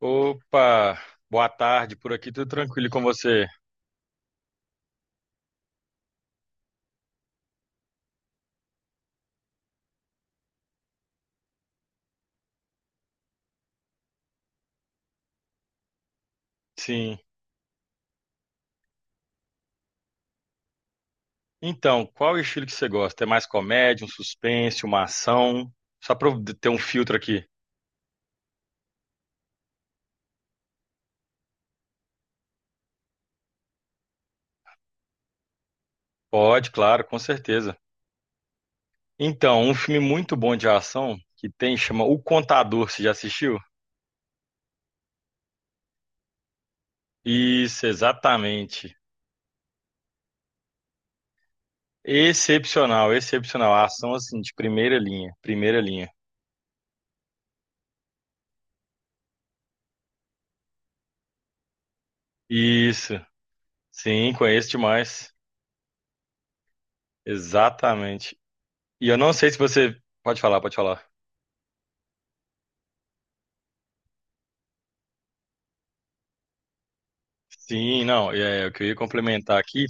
Opa, boa tarde, por aqui tudo tranquilo e com você? Sim. Então, qual o estilo que você gosta? É mais comédia, um suspense, uma ação? Só para eu ter um filtro aqui. Pode, claro, com certeza. Então, um filme muito bom de ação que tem chama O Contador, você já assistiu? Isso, exatamente. Excepcional, excepcional. A ação assim de primeira linha, primeira linha. Isso. Sim, conheço demais. Exatamente. E eu não sei se você pode falar, pode falar. Sim, não, o que eu ia complementar aqui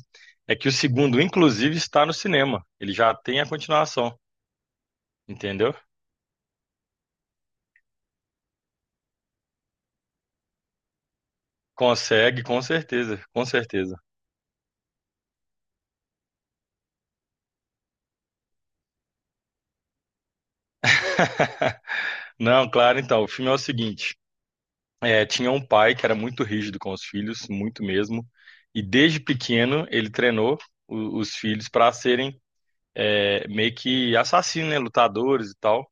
é que o segundo, inclusive, está no cinema. Ele já tem a continuação, entendeu? Consegue, com certeza, com certeza. Não, claro, então, o filme é o seguinte: tinha um pai que era muito rígido com os filhos, muito mesmo, e desde pequeno ele treinou os filhos para serem meio que assassinos, né, lutadores e tal.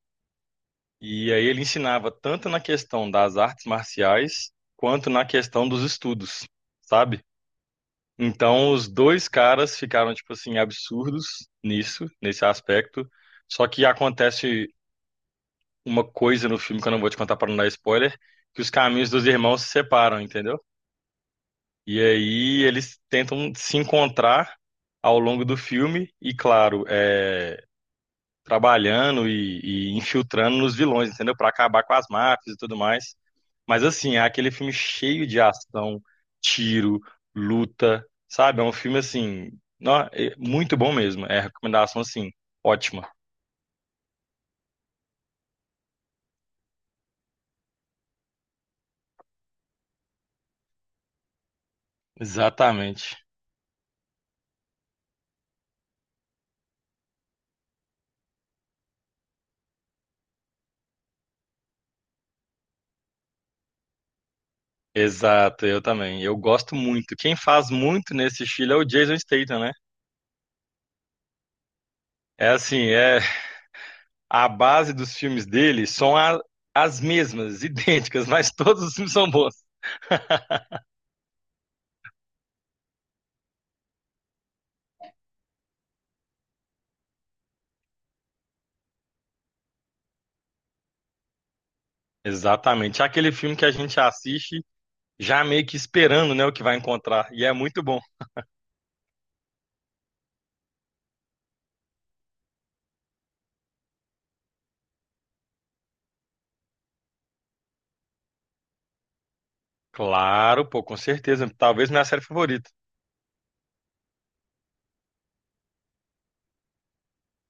E aí ele ensinava tanto na questão das artes marciais quanto na questão dos estudos, sabe? Então, os dois caras ficaram, tipo assim, absurdos nisso, nesse aspecto. Só que acontece uma coisa no filme que eu não vou te contar para não dar spoiler, que os caminhos dos irmãos se separam, entendeu? E aí eles tentam se encontrar ao longo do filme, e claro, é, trabalhando e infiltrando nos vilões, entendeu? Para acabar com as máfias e tudo mais. Mas assim, é aquele filme cheio de ação, tiro, luta, sabe? É um filme assim, é muito bom mesmo. É recomendação assim, ótima. Exatamente. Exato, eu também. Eu gosto muito. Quem faz muito nesse estilo é o Jason Statham, né? É assim, é a base dos filmes dele são as mesmas, idênticas, mas todos os filmes são bons. Exatamente. É aquele filme que a gente assiste já meio que esperando, né, o que vai encontrar. E é muito bom. Claro, pô, com certeza. Talvez minha série favorita.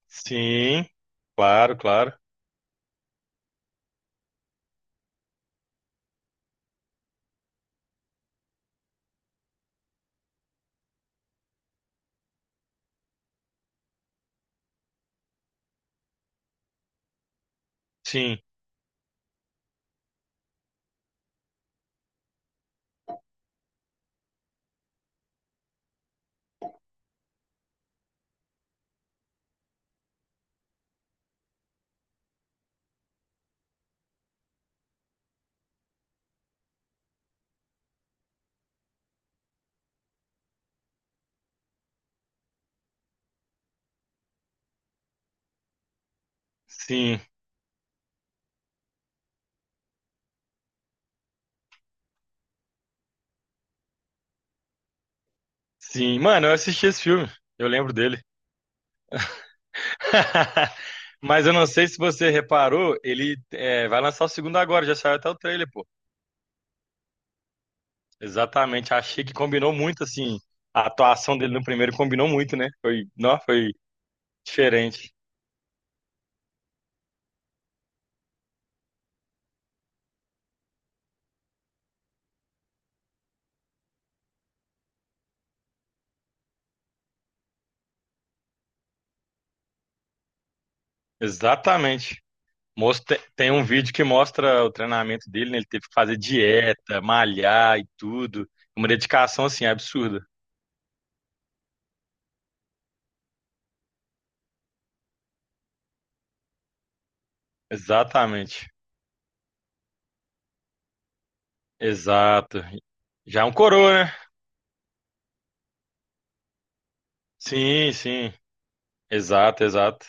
Sim, claro, claro. Sim, sim, sim. Mano, eu assisti esse filme. Eu lembro dele. Mas eu não sei se você reparou, ele é, vai lançar o segundo agora, já saiu até o trailer, pô. Exatamente, achei que combinou muito, assim, a atuação dele no primeiro combinou muito, né? Foi, não, foi diferente. Exatamente. Mostra, tem um vídeo que mostra o treinamento dele, né? Ele teve que fazer dieta, malhar e tudo. Uma dedicação, assim, absurda. Exatamente. Exato. Já é um coroa, né? Sim, sim. Exato, exato.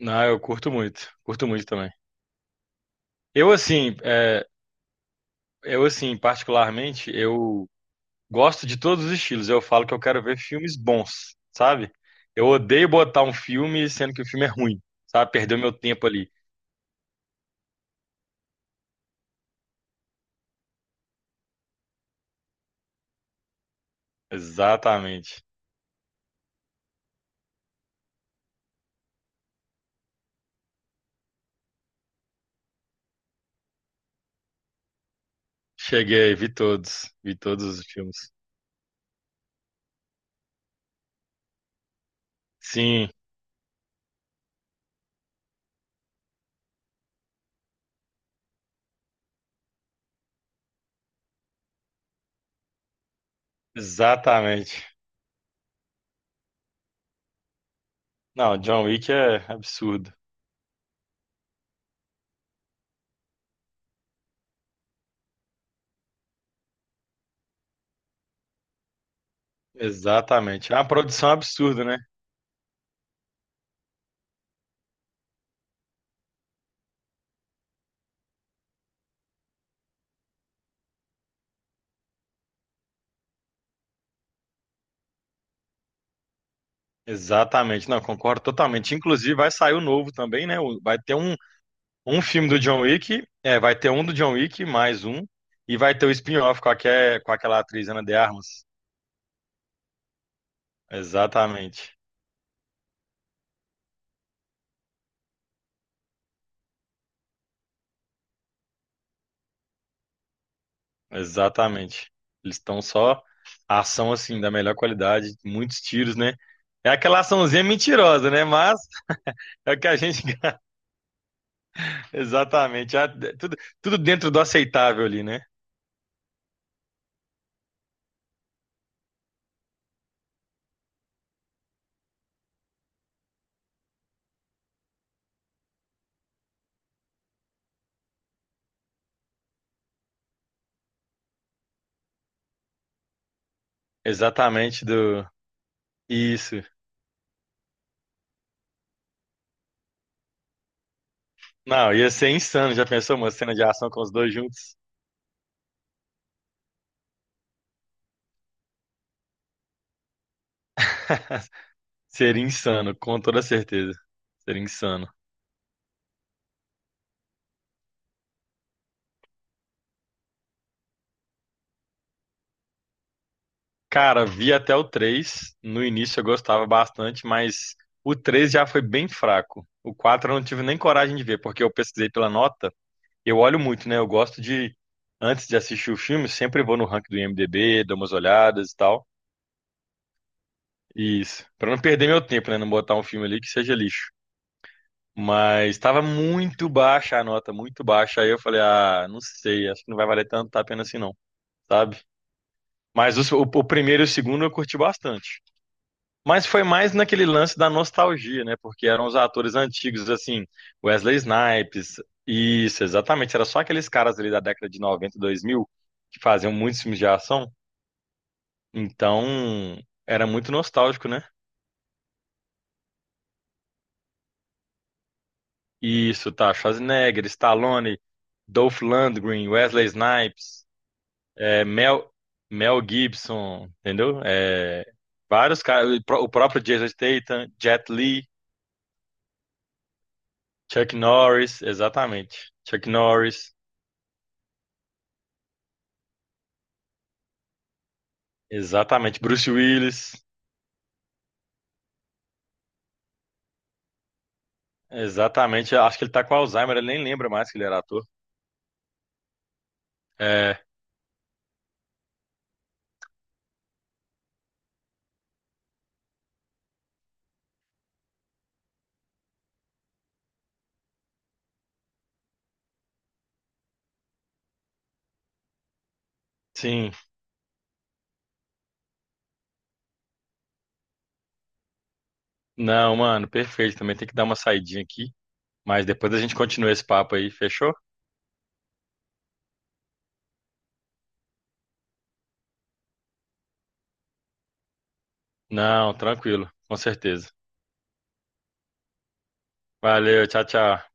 Não, eu curto muito. Curto muito também. Eu, assim, é, eu, assim, particularmente, eu gosto de todos os estilos. Eu falo que eu quero ver filmes bons, sabe? Eu odeio botar um filme sendo que o filme é ruim, sabe? Perder o meu tempo ali. Exatamente. Cheguei, vi todos os filmes. Sim, exatamente. Não, John Wick é absurdo. Exatamente. É uma produção absurda, né? Exatamente. Não, concordo totalmente. Inclusive, vai sair o novo também, né? Vai ter um, um filme do John Wick, vai ter um do John Wick, mais um, e vai ter o spin-off com aquela atriz Ana de Armas. Exatamente. Exatamente. Eles estão só ação assim da melhor qualidade, muitos tiros, né? É aquela açãozinha mentirosa, né? Mas é o que a gente. Exatamente. Ah, tudo, tudo dentro do aceitável ali, né? Exatamente do. Isso. Não, ia ser insano. Já pensou uma cena de ação com os dois juntos? Seria insano, com toda certeza. Seria insano. Cara, vi até o três. No início eu gostava bastante, mas o três já foi bem fraco. O 4 eu não tive nem coragem de ver, porque eu pesquisei pela nota. Eu olho muito, né? Eu gosto de, antes de assistir o filme, sempre vou no ranking do IMDb, dou umas olhadas e tal. Isso. Pra não perder meu tempo, né? Não botar um filme ali que seja lixo. Mas tava muito baixa a nota, muito baixa. Aí eu falei, ah, não sei, acho que não vai valer tanto a pena assim não, sabe? Mas o primeiro e o segundo eu curti bastante. Mas foi mais naquele lance da nostalgia, né? Porque eram os atores antigos, assim, Wesley Snipes. Isso, exatamente. Era só aqueles caras ali da década de 90, 2000, que faziam muitos filmes de ação. Então, era muito nostálgico, né? Isso, tá. Schwarzenegger, Stallone, Dolph Lundgren, Wesley Snipes, é, Mel Gibson, entendeu? É, vários caras, o próprio Jason Statham, Jet Li, Chuck Norris, exatamente. Chuck Norris, exatamente. Bruce Willis, exatamente. Eu acho que ele tá com Alzheimer, ele nem lembra mais que ele era ator. É, sim. Não, mano, perfeito. Também tem que dar uma saidinha aqui. Mas depois a gente continua esse papo aí, fechou? Não, tranquilo, com certeza. Valeu, tchau, tchau.